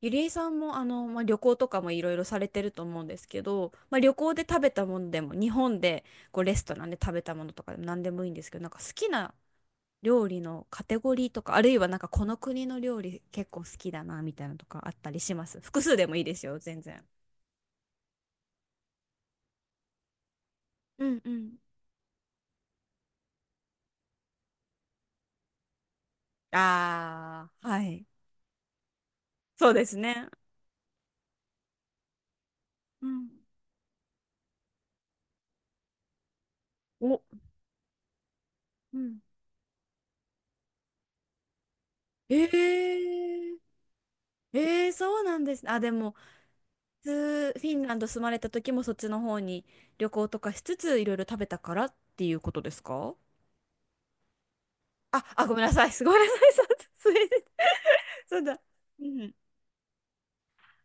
ゆりえさんもまあ、旅行とかもいろいろされてると思うんですけど、まあ、旅行で食べたものでも日本でこうレストランで食べたものとかでも何でもいいんですけど、なんか好きな料理のカテゴリーとか、あるいはなんかこの国の料理結構好きだなみたいなのとかあったりします複数でもいいですよ、全然。うんうん。ああ、はい。そうですね。うん。お、うん。えー、えー、そうなんです。あ、でもフィンランド住まれた時もそっちの方に旅行とかしつついろいろ食べたからっていうことですか？あ、あ、ごめんなさい。す、ごめんなさい。そう、スウェーデン。そうだ。うん。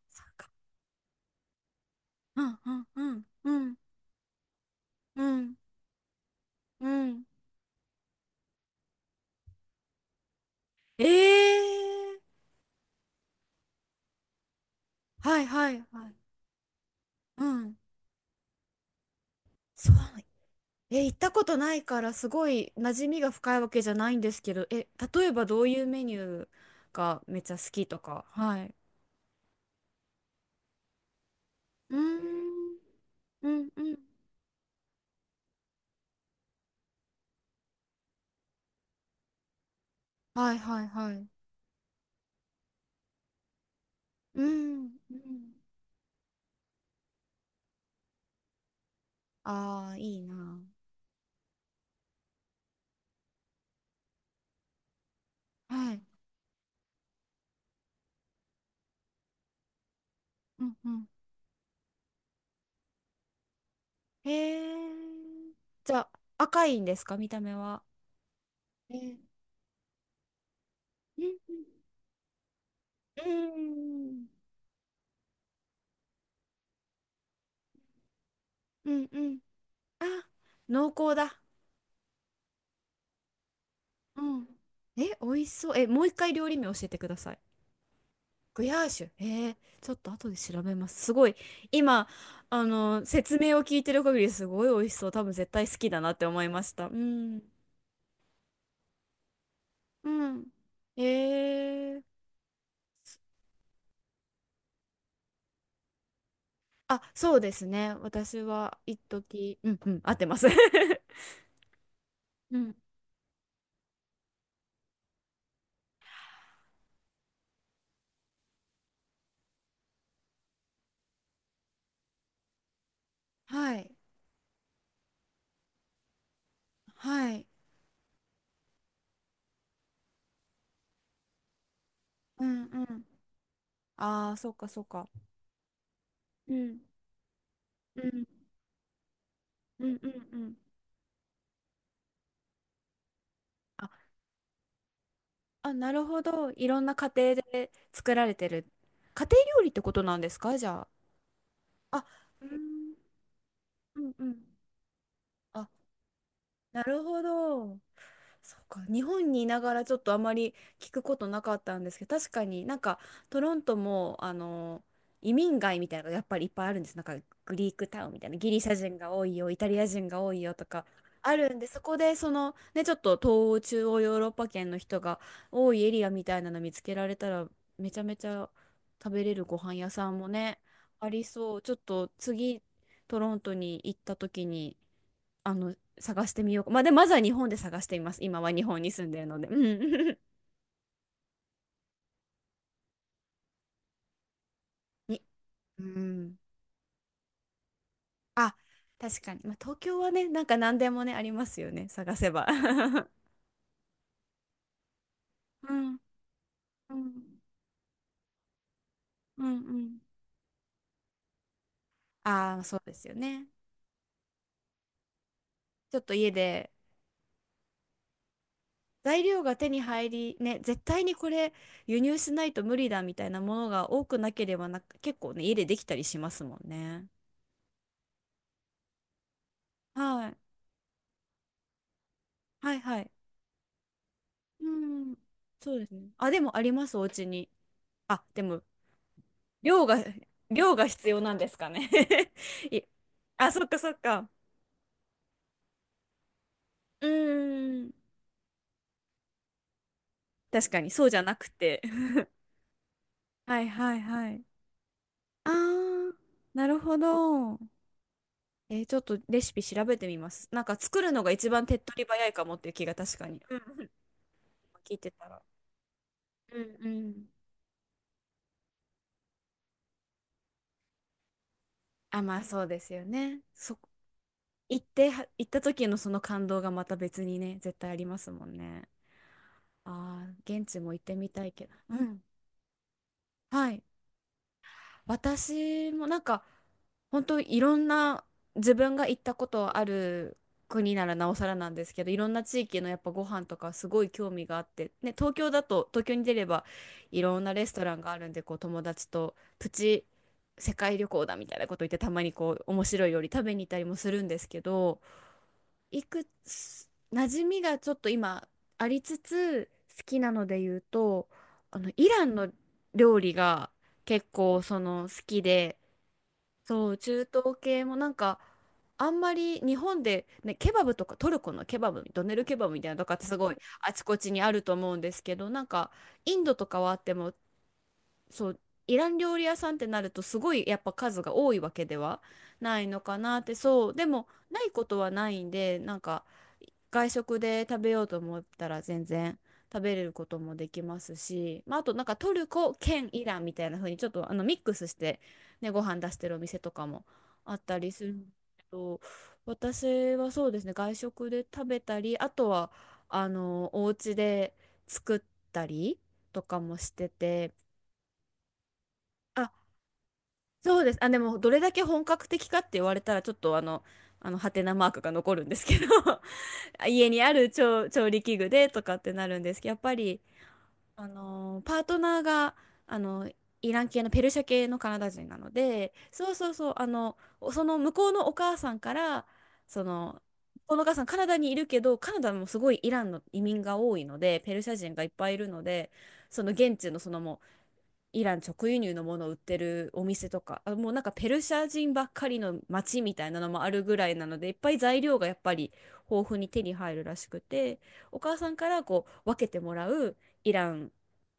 そうか。うんうんうんうん。うんうん。ええー。はいはいはい。うん。そう。え、行ったことないからすごい馴染みが深いわけじゃないんですけど、え、例えばどういうメニューがめっちゃ好きとか。はい。うーん。うんうん。はいはいはい。うん、うん。ああ、いいな。はい。うんうん。へえ。じゃあ、赤いんですか、見た目は？えー、うんうん。うんうん。あ、濃厚だ。うん。え、美味しそう。え、もう一回料理名教えてください。グヤーシュ。えー、ちょっと後で調べます。すごい。今、説明を聞いてる限りすごい美味しそう。多分絶対好きだなって思いました。うん。うん。えー。あ、そうですね。私は一時、うんうん、合ってます。うん。はい。はい。うんうん。ああ、そうかそうか。うん。うんうんうんうん。あ、あ、なるほど。いろんな家庭で作られてる。家庭料理ってことなんですか、じゃあ。あ、うんうんうん。あ、なるほど。そうか、日本にいながらちょっとあまり聞くことなかったんですけど、確かになんかトロントも移民街みたいなのがやっぱりいっぱいあるんです。なんかグリークタウンみたいな、ギリシャ人が多いよ、イタリア人が多いよとかあるんで、そこでそのね、ちょっと東欧、中央ヨーロッパ圏の人が多いエリアみたいなの見つけられたら、めちゃめちゃ食べれるご飯屋さんもね、ありそう。ちょっと次、トロントに行った時に探してみようか。まあ、でまずは日本で探しています、今は日本に住んでるので。うん。 に。うん。あ、確かに、まあ、東京はね、なんか何でもね、ありますよね、探せば。 うんうんうんうん。ああ、そうですよね。ちょっと家で材料が手に入りね、絶対にこれ輸入しないと無理だみたいなものが多くなければ、な結構ね、家でできたりしますもんね。はいはいはい。うん、そうですね。あ、でもありますお家に。あ、でも量が、量が必要なんですかね。 い、あ、そっかそっか。うーん。確かに、そうじゃなくて。はいはいはい。あー、なるほど。えー、ちょっとレシピ調べてみます。なんか作るのが一番手っ取り早いかもっていう気が、確かに。うんうん、聞いてたら。うんうん。あ、まあそうですよね。そ、行っては、行った時のその感動がまた別にね、絶対ありますもんね。ああ、現地も行ってみたいけど。うん。はい。私もなんか本当いろんな自分が行ったことある国ならなおさらなんですけど、いろんな地域のやっぱご飯とかすごい興味があって、ね、東京だと東京に出ればいろんなレストランがあるんで、こう友達とプチ世界旅行だみたいなこと言って、たまにこう面白い料理食べに行ったりもするんですけど、いくつ、馴染みがちょっと今ありつつ、好きなので言うと、イランの料理が結構その好きで、そう、中東系もなんか、あんまり日本で、ね、ケバブとかトルコのケバブ、ドネルケバブみたいなのとかってすごいあちこちにあると思うんですけど、なんかインドとかはあっても、そうイラン料理屋さんってなるとすごいやっぱ数が多いわけではないのかなって、そうでもないことはないんで、なんか外食で食べようと思ったら全然食べれることもできますし、まあ、あとなんかトルコ兼イランみたいな風にちょっとミックスして、ね、ご飯出してるお店とかもあったりするんですけど、私はそうですね、外食で食べたり、あとはお家で作ったりとかもしてて。あ、そうです。あ、でもどれだけ本格的かって言われたらちょっとあのハテナマークが残るんですけど、家にある調、調理器具でとかってなるんですけど、やっぱり、パートナーが、あの、イラン系のペルシャ系のカナダ人なので、そうそうそう、その向こうのお母さんから、その、このお母さんカナダにいるけど、カナダもすごいイランの移民が多いので、ペルシャ人がいっぱいいるので、その現地のそのもうイラン直輸入のものを売ってるお店とか、あ、もうなんかペルシャ人ばっかりの街みたいなのもあるぐらいなので、いっぱい材料がやっぱり豊富に手に入るらしくて、お母さんからこう分けてもらうイラン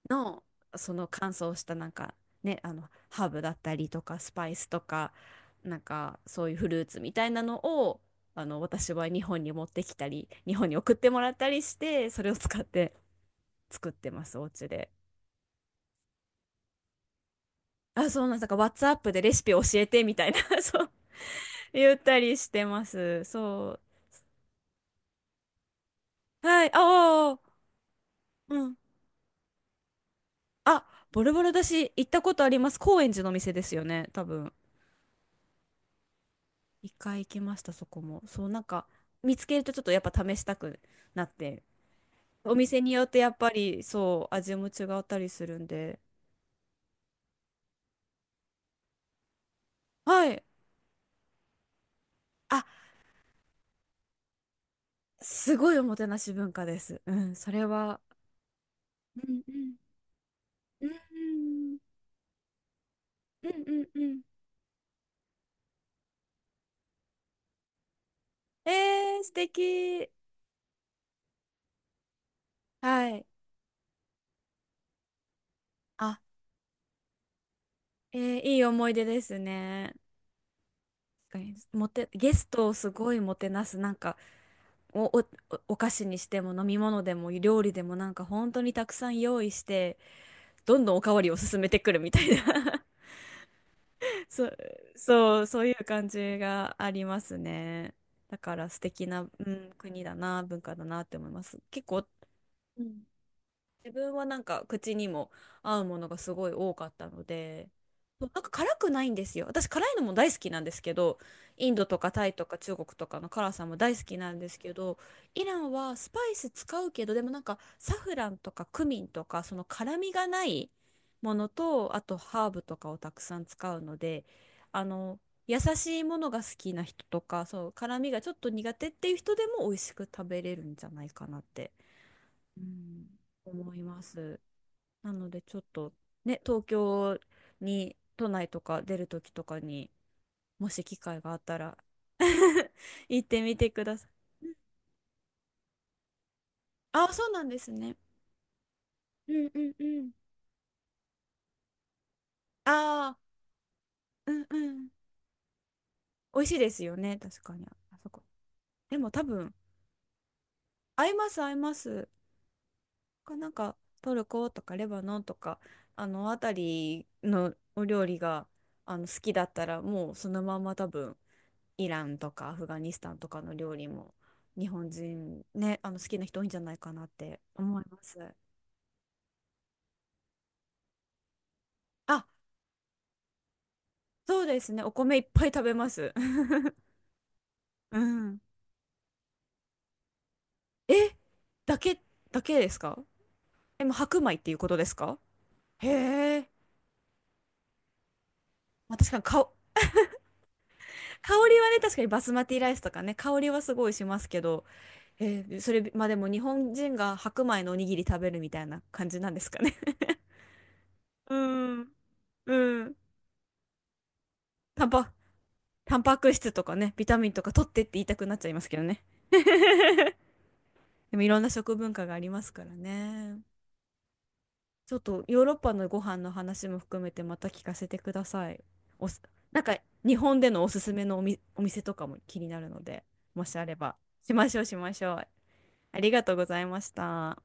のその乾燥したなんかね、ハーブだったりとかスパイスとか、なんかそういうフルーツみたいなのを私は日本に持ってきたり、日本に送ってもらったりして、それを使って作ってます、お家で。あ、そうなんです。なんか、WhatsApp でレシピ教えてみたいな。 そう、言ったりしてます。そう。はい、ああ、うん。あ、ボルボルだし、行ったことあります。高円寺のお店ですよね、多分。一回行きました、そこも。そう、なんか、見つけるとちょっとやっぱ試したくなって。お店によってやっぱり、そう、味も違ったりするんで。はい。あ、すごいおもてなし文化です。うん、それは。うんうん。うんうん。うんうんうん。えー、素敵。はい。あ、えー、いい思い出ですね。確かに、もて、ゲストをすごいもてなす、なんか、お、お、お、お菓子にしても飲み物でも料理でもなんか本当にたくさん用意して、どんどんおかわりを進めてくるみたいな。 そう、そう、そういう感じがありますね。だから素敵な、うん、国だな、文化だなって思います。結構、うん、自分はなんか口にも合うものがすごい多かったので、そうなんか辛くないんですよ。私辛いのも大好きなんですけど、インドとかタイとか中国とかの辛さも大好きなんですけど、イランはスパイス使うけど、でもなんかサフランとかクミンとかその辛みがないものと、あとハーブとかをたくさん使うので、あの、優しいものが好きな人とか、そう、辛みがちょっと苦手っていう人でも美味しく食べれるんじゃないかなって、うん、思います。なのでちょっとね、東京に都内とか出る時とかに、もし機会があったら 行ってみてください。うん、あ、そうなんですね。うんうんうん。ああ、うんうん。美味しいですよね、確かに。あそこ。でも多分、合います、合います。か、なんか、トルコとかレバノンとか、あの辺りのお料理が好きだったら、もうそのまま多分、イランとかアフガニスタンとかの料理も日本人ね、好きな人多いんじゃないかなって思います。あ、そうですね。お米いっぱい食べます。うん。え、だけ、だけですか？え、もう白米っていうことですか？へえ。まあ、確かにか、香りはね、確かにバスマティライスとかね、香りはすごいしますけど、えー、それ、まあでも日本人が白米のおにぎり食べるみたいな感じなんですかね。うん、うん。タンパ、タンパク質とかね、ビタミンとか取ってって言いたくなっちゃいますけどね。でもいろんな食文化がありますからね。ちょっとヨーロッパのご飯の話も含めてまた聞かせてください。おす、なんか日本でのおすすめのお、みお店とかも気になるので、もしあればしましょうしましょう。ありがとうございました。